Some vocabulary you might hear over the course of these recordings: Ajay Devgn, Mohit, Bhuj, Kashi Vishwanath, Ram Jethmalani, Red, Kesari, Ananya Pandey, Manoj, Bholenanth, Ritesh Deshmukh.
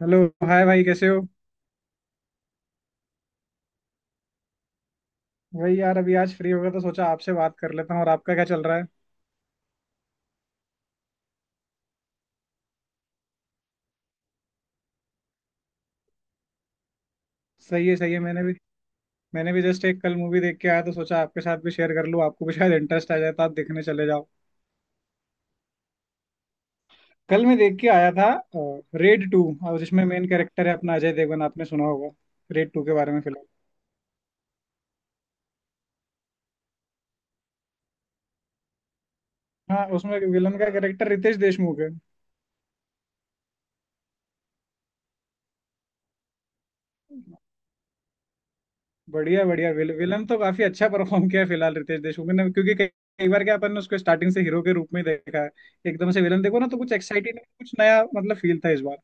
Hello. Hi भाई, कैसे हो। भाई यार, अभी आज फ्री होगा तो सोचा आपसे बात कर लेता हूँ। और आपका क्या चल रहा है। सही है, सही है। मैंने भी जस्ट एक कल मूवी देख के आया, तो सोचा आपके साथ भी शेयर कर लूँ, आपको भी शायद इंटरेस्ट आ जाए तो आप देखने चले जाओ। कल मैं देख के आया था, रेड टू। और जिसमें मेन कैरेक्टर है अपना अजय देवगन, आपने सुना होगा रेड टू के बारे में फिलहाल। हाँ, उसमें विलन का कैरेक्टर रितेश देशमुख है। बढ़िया बढ़िया, विलन तो काफी अच्छा परफॉर्म किया है फिलहाल रितेश देशमुख ने, क्योंकि कई, कई बार क्या अपन ने उसको स्टार्टिंग से हीरो के रूप में देखा है। एकदम से विलन देखो ना तो कुछ एक्साइटिंग, कुछ नया मतलब फील था इस बार।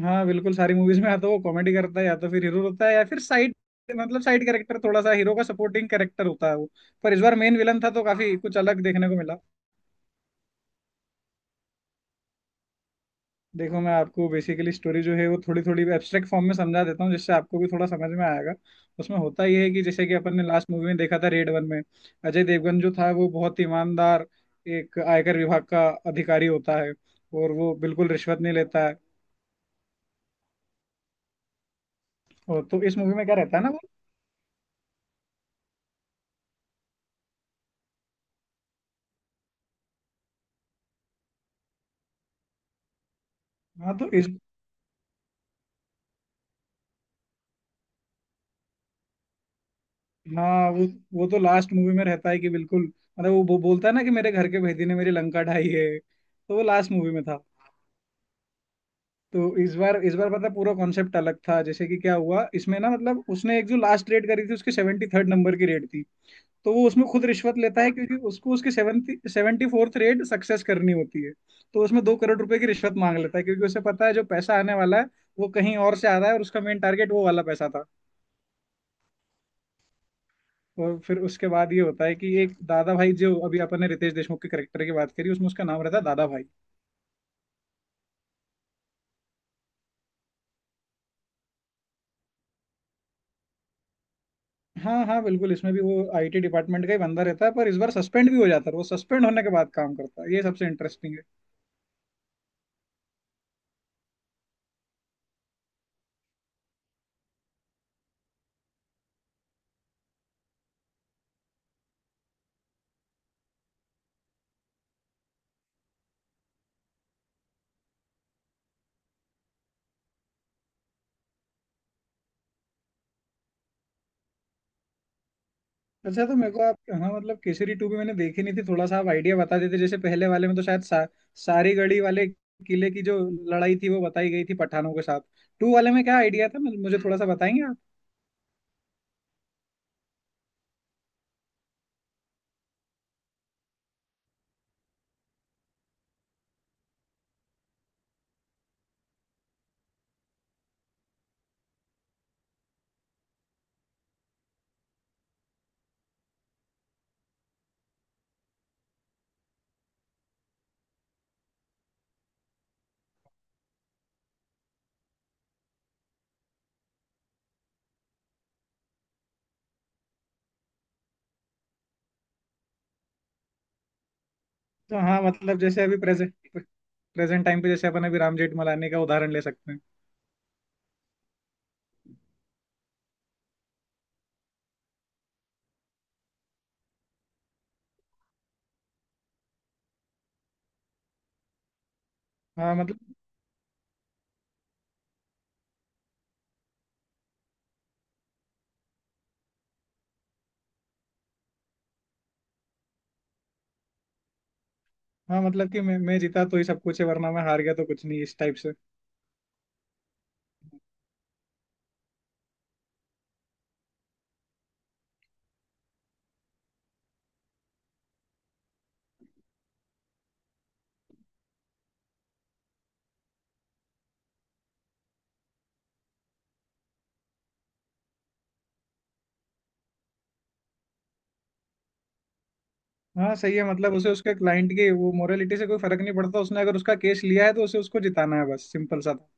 हाँ बिल्कुल, सारी मूवीज में या तो वो कॉमेडी करता है या तो फिर हीरो होता है या फिर साइड, मतलब साइड कैरेक्टर, थोड़ा सा हीरो का सपोर्टिंग कैरेक्टर होता है वो। पर इस बार मेन विलन था तो काफी कुछ अलग देखने को मिला। देखो, मैं आपको बेसिकली स्टोरी जो है वो थोड़ी थोड़ी एब्स्ट्रैक्ट फॉर्म में समझा देता हूँ जिससे आपको भी थोड़ा समझ में आएगा। उसमें होता ये है कि जैसे कि अपन ने लास्ट मूवी में देखा था रेड वन में, अजय देवगन जो था वो बहुत ईमानदार एक आयकर विभाग का अधिकारी होता है, और वो बिल्कुल रिश्वत नहीं लेता है। और तो इस मूवी में क्या रहता है ना वो। हाँ तो इस, हाँ वो तो लास्ट मूवी में रहता है कि बिल्कुल, मतलब वो बोलता है ना कि मेरे घर के भेदी ने मेरी लंका ढाई है, तो वो लास्ट मूवी में था। तो इस बार पता पूरा कॉन्सेप्ट अलग था। जैसे कि क्या हुआ इसमें ना, मतलब उसने एक जो लास्ट रेड करी थी उसके 73rd नंबर की रेड थी। तो वो उसमें खुद रिश्वत लेता है क्योंकि उसको उसके seventy seventy fourth raid success करनी होती है। तो उसमें 2 करोड़ रुपए की रिश्वत मांग लेता है क्योंकि उसे पता है जो पैसा आने वाला है वो कहीं और से आ रहा है, और उसका मेन टारगेट वो वाला पैसा था। और फिर उसके बाद ये होता है कि एक दादा भाई, जो अभी अपन ने रितेश देशमुख के करेक्टर की बात करी, उसमें उसका नाम रहता है दादा भाई। हाँ हाँ बिल्कुल, इसमें भी वो आईटी डिपार्टमेंट का ही बंदा रहता है, पर इस बार सस्पेंड भी हो जाता है। वो सस्पेंड होने के बाद काम करता है, ये सबसे इंटरेस्टिंग है। अच्छा तो मेरे को आप हाँ मतलब केसरी टू भी मैंने देखी नहीं थी, थोड़ा सा आप आइडिया बता देते। जैसे पहले वाले में तो सारी गढ़ी वाले किले की जो लड़ाई थी वो बताई गई थी पठानों के साथ। टू वाले में क्या आइडिया था, मुझे मुझे थोड़ा सा बताएंगे आप। तो हाँ मतलब जैसे अभी प्रेजेंट प्रेजेंट टाइम पे जैसे अपन अभी राम जेठमलानी का उदाहरण ले सकते हैं। हाँ मतलब हाँ मतलब कि मैं जीता तो ही सब कुछ है, वरना मैं हार गया तो कुछ नहीं, इस टाइप से। हाँ सही है, मतलब उसे उसके क्लाइंट की वो मोरालिटी से कोई फर्क नहीं पड़ता। उसने अगर उसका केस लिया है तो उसे उसको जिताना है, बस सिंपल सा था।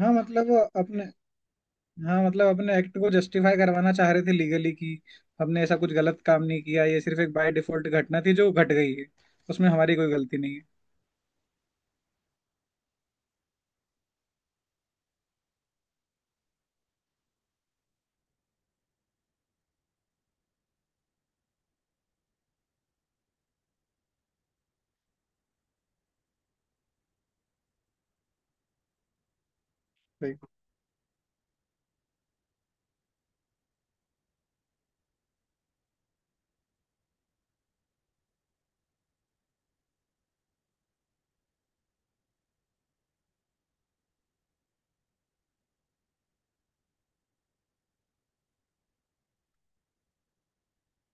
हाँ मतलब अपने हाँ मतलब अपने एक्ट को जस्टिफाई करवाना चाह रहे थे लीगली, कि हमने ऐसा कुछ गलत काम नहीं किया, ये सिर्फ एक बाय डिफॉल्ट घटना थी जो घट गई है, उसमें हमारी कोई गलती नहीं है। सही।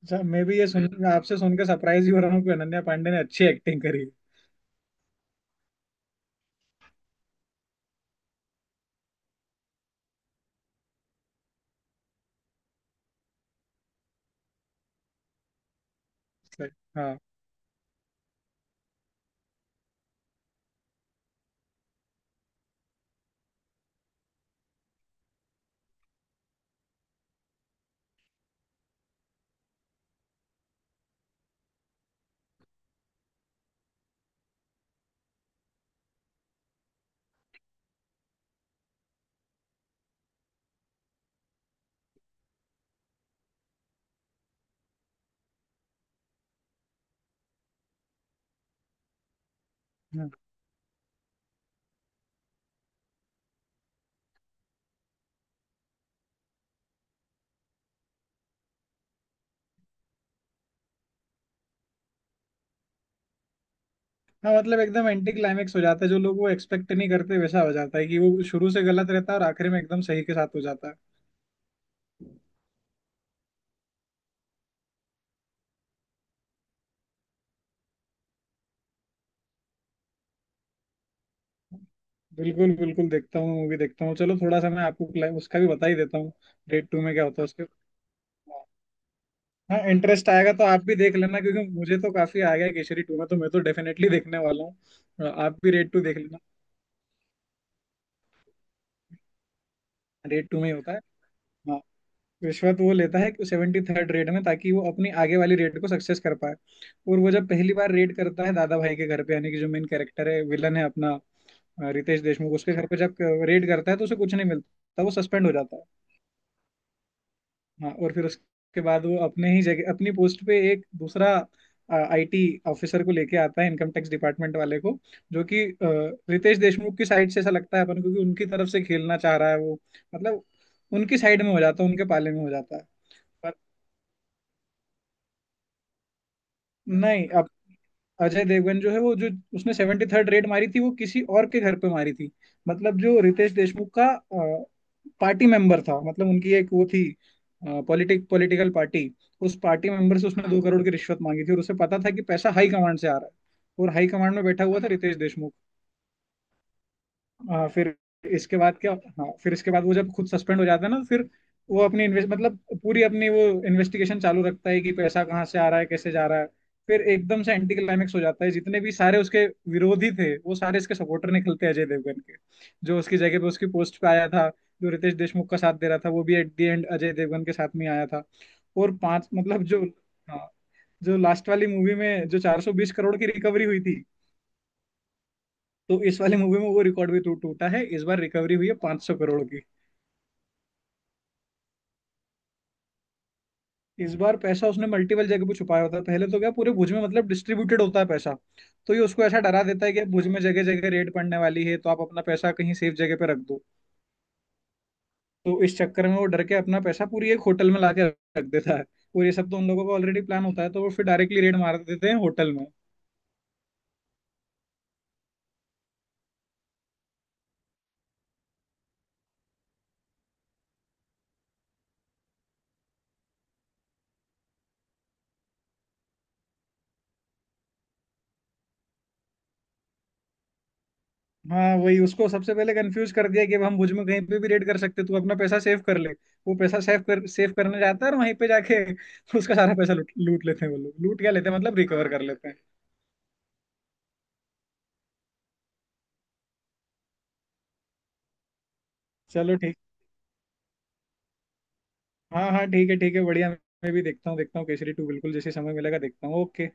अच्छा, मैं भी ये सुन, आपसे सुन के सरप्राइज ही हो रहा हूँ कि अनन्या पांडे ने अच्छी एक्टिंग करी है। सही, हाँ। हाँ हाँ मतलब एकदम एंटी क्लाइमेक्स हो जाता है। जो लोग वो एक्सपेक्ट नहीं करते वैसा हो जाता है कि वो शुरू से गलत रहता है और आखिर में एकदम सही के साथ हो जाता है। बिल्कुल बिल्कुल, देखता हूँ मूवी देखता हूँ। चलो थोड़ा सा मैं आपको उसका भी बता ही देता हूँ, रेड टू में क्या होता है उसके। हाँ, इंटरेस्ट आएगा तो आप भी देख लेना क्योंकि मुझे तो काफी आ गया है। केसरी टू में तो मैं तो डेफिनेटली देखने वाला हूँ, आप भी रेड टू देख लेना। रेड टू में ही होता है। हाँ, रिश्वत वो लेता है 73rd रेड में, ताकि वो अपनी आगे वाली रेड को सक्सेस कर पाए। और वो जब पहली बार रेड करता है दादा भाई के घर पे, यानी कि जो मेन कैरेक्टर है विलन है अपना रितेश देशमुख, उसके घर पे जब रेड करता है तो उसे कुछ नहीं मिलता, वो सस्पेंड हो जाता है। हाँ, और फिर उसके बाद वो अपने ही जगह अपनी पोस्ट पे एक दूसरा आईटी ऑफिसर को लेके आता है, इनकम टैक्स डिपार्टमेंट वाले को, जो कि रितेश देशमुख की साइड से ऐसा लगता है अपन को कि उनकी तरफ से खेलना चाह रहा है वो। मतलब उनकी साइड में हो जाता है, उनके पाले में हो जाता है। नहीं, अब अजय देवगन जो है वो जो उसने सेवेंटी थर्ड रेड मारी थी वो किसी और के घर पे मारी थी। मतलब जो रितेश देशमुख का पार्टी मेंबर था, मतलब उनकी एक वो थी पॉलिटिकल पार्टी। उस पार्टी मेंबर से उसने 2 करोड़ की रिश्वत मांगी थी, और उसे पता था कि पैसा हाई कमांड से आ रहा है, और हाई कमांड में बैठा हुआ था रितेश देशमुख। हाँ फिर इसके बाद क्या। हाँ फिर इसके बाद वो जब खुद सस्पेंड हो जाता है ना, फिर वो अपनी इन्वेस्ट मतलब पूरी अपनी वो इन्वेस्टिगेशन चालू रखता है कि पैसा कहाँ से आ रहा है, कैसे जा रहा है। फिर एकदम से एंटी क्लाइमेक्स हो जाता है। जितने भी सारे उसके विरोधी थे वो सारे इसके सपोर्टर निकलते हैं अजय देवगन के। जो उसकी जगह पे उसकी पोस्ट पे आया था, जो रितेश देशमुख का साथ दे रहा था, वो भी at the end Ajay Devgn के साथ में आया था। और पांच मतलब जो, हाँ, जो लास्ट वाली मूवी में जो 420 करोड़ की रिकवरी हुई थी, तो इस वाले मूवी में वो रिकॉर्ड भी टूटा है। इस बार रिकवरी हुई है 500 करोड़ की। इस बार पैसा उसने मल्टीपल जगह पे छुपाया होता है। पहले तो क्या पूरे भुज में मतलब डिस्ट्रीब्यूटेड होता है पैसा। तो ये उसको ऐसा डरा देता है कि अब भुज में जगह जगह रेड पड़ने वाली है, तो आप अपना पैसा कहीं सेफ जगह पे रख दो। तो इस चक्कर में वो डर के अपना पैसा पूरी एक होटल में ला के रख देता है। और ये सब तो उन लोगों का ऑलरेडी प्लान होता है, तो वो फिर डायरेक्टली रेड मार देते हैं होटल में। हाँ वही, उसको सबसे पहले कंफ्यूज कर दिया कि अब हम भुज में कहीं पे भी रेड कर सकते, तू अपना पैसा सेव कर ले। वो पैसा सेव करने जाता है, और वहीं पे जाके उसका सारा पैसा लूट लूट लेते हैं वो लोग। लूट क्या लेते हैं, मतलब रिकवर कर लेते हैं। चलो ठीक। हाँ हाँ ठीक है ठीक है, बढ़िया। मैं भी देखता हूँ, देखता हूँ केसरी टू, बिल्कुल, जैसे समय मिलेगा देखता हूँ। ओके।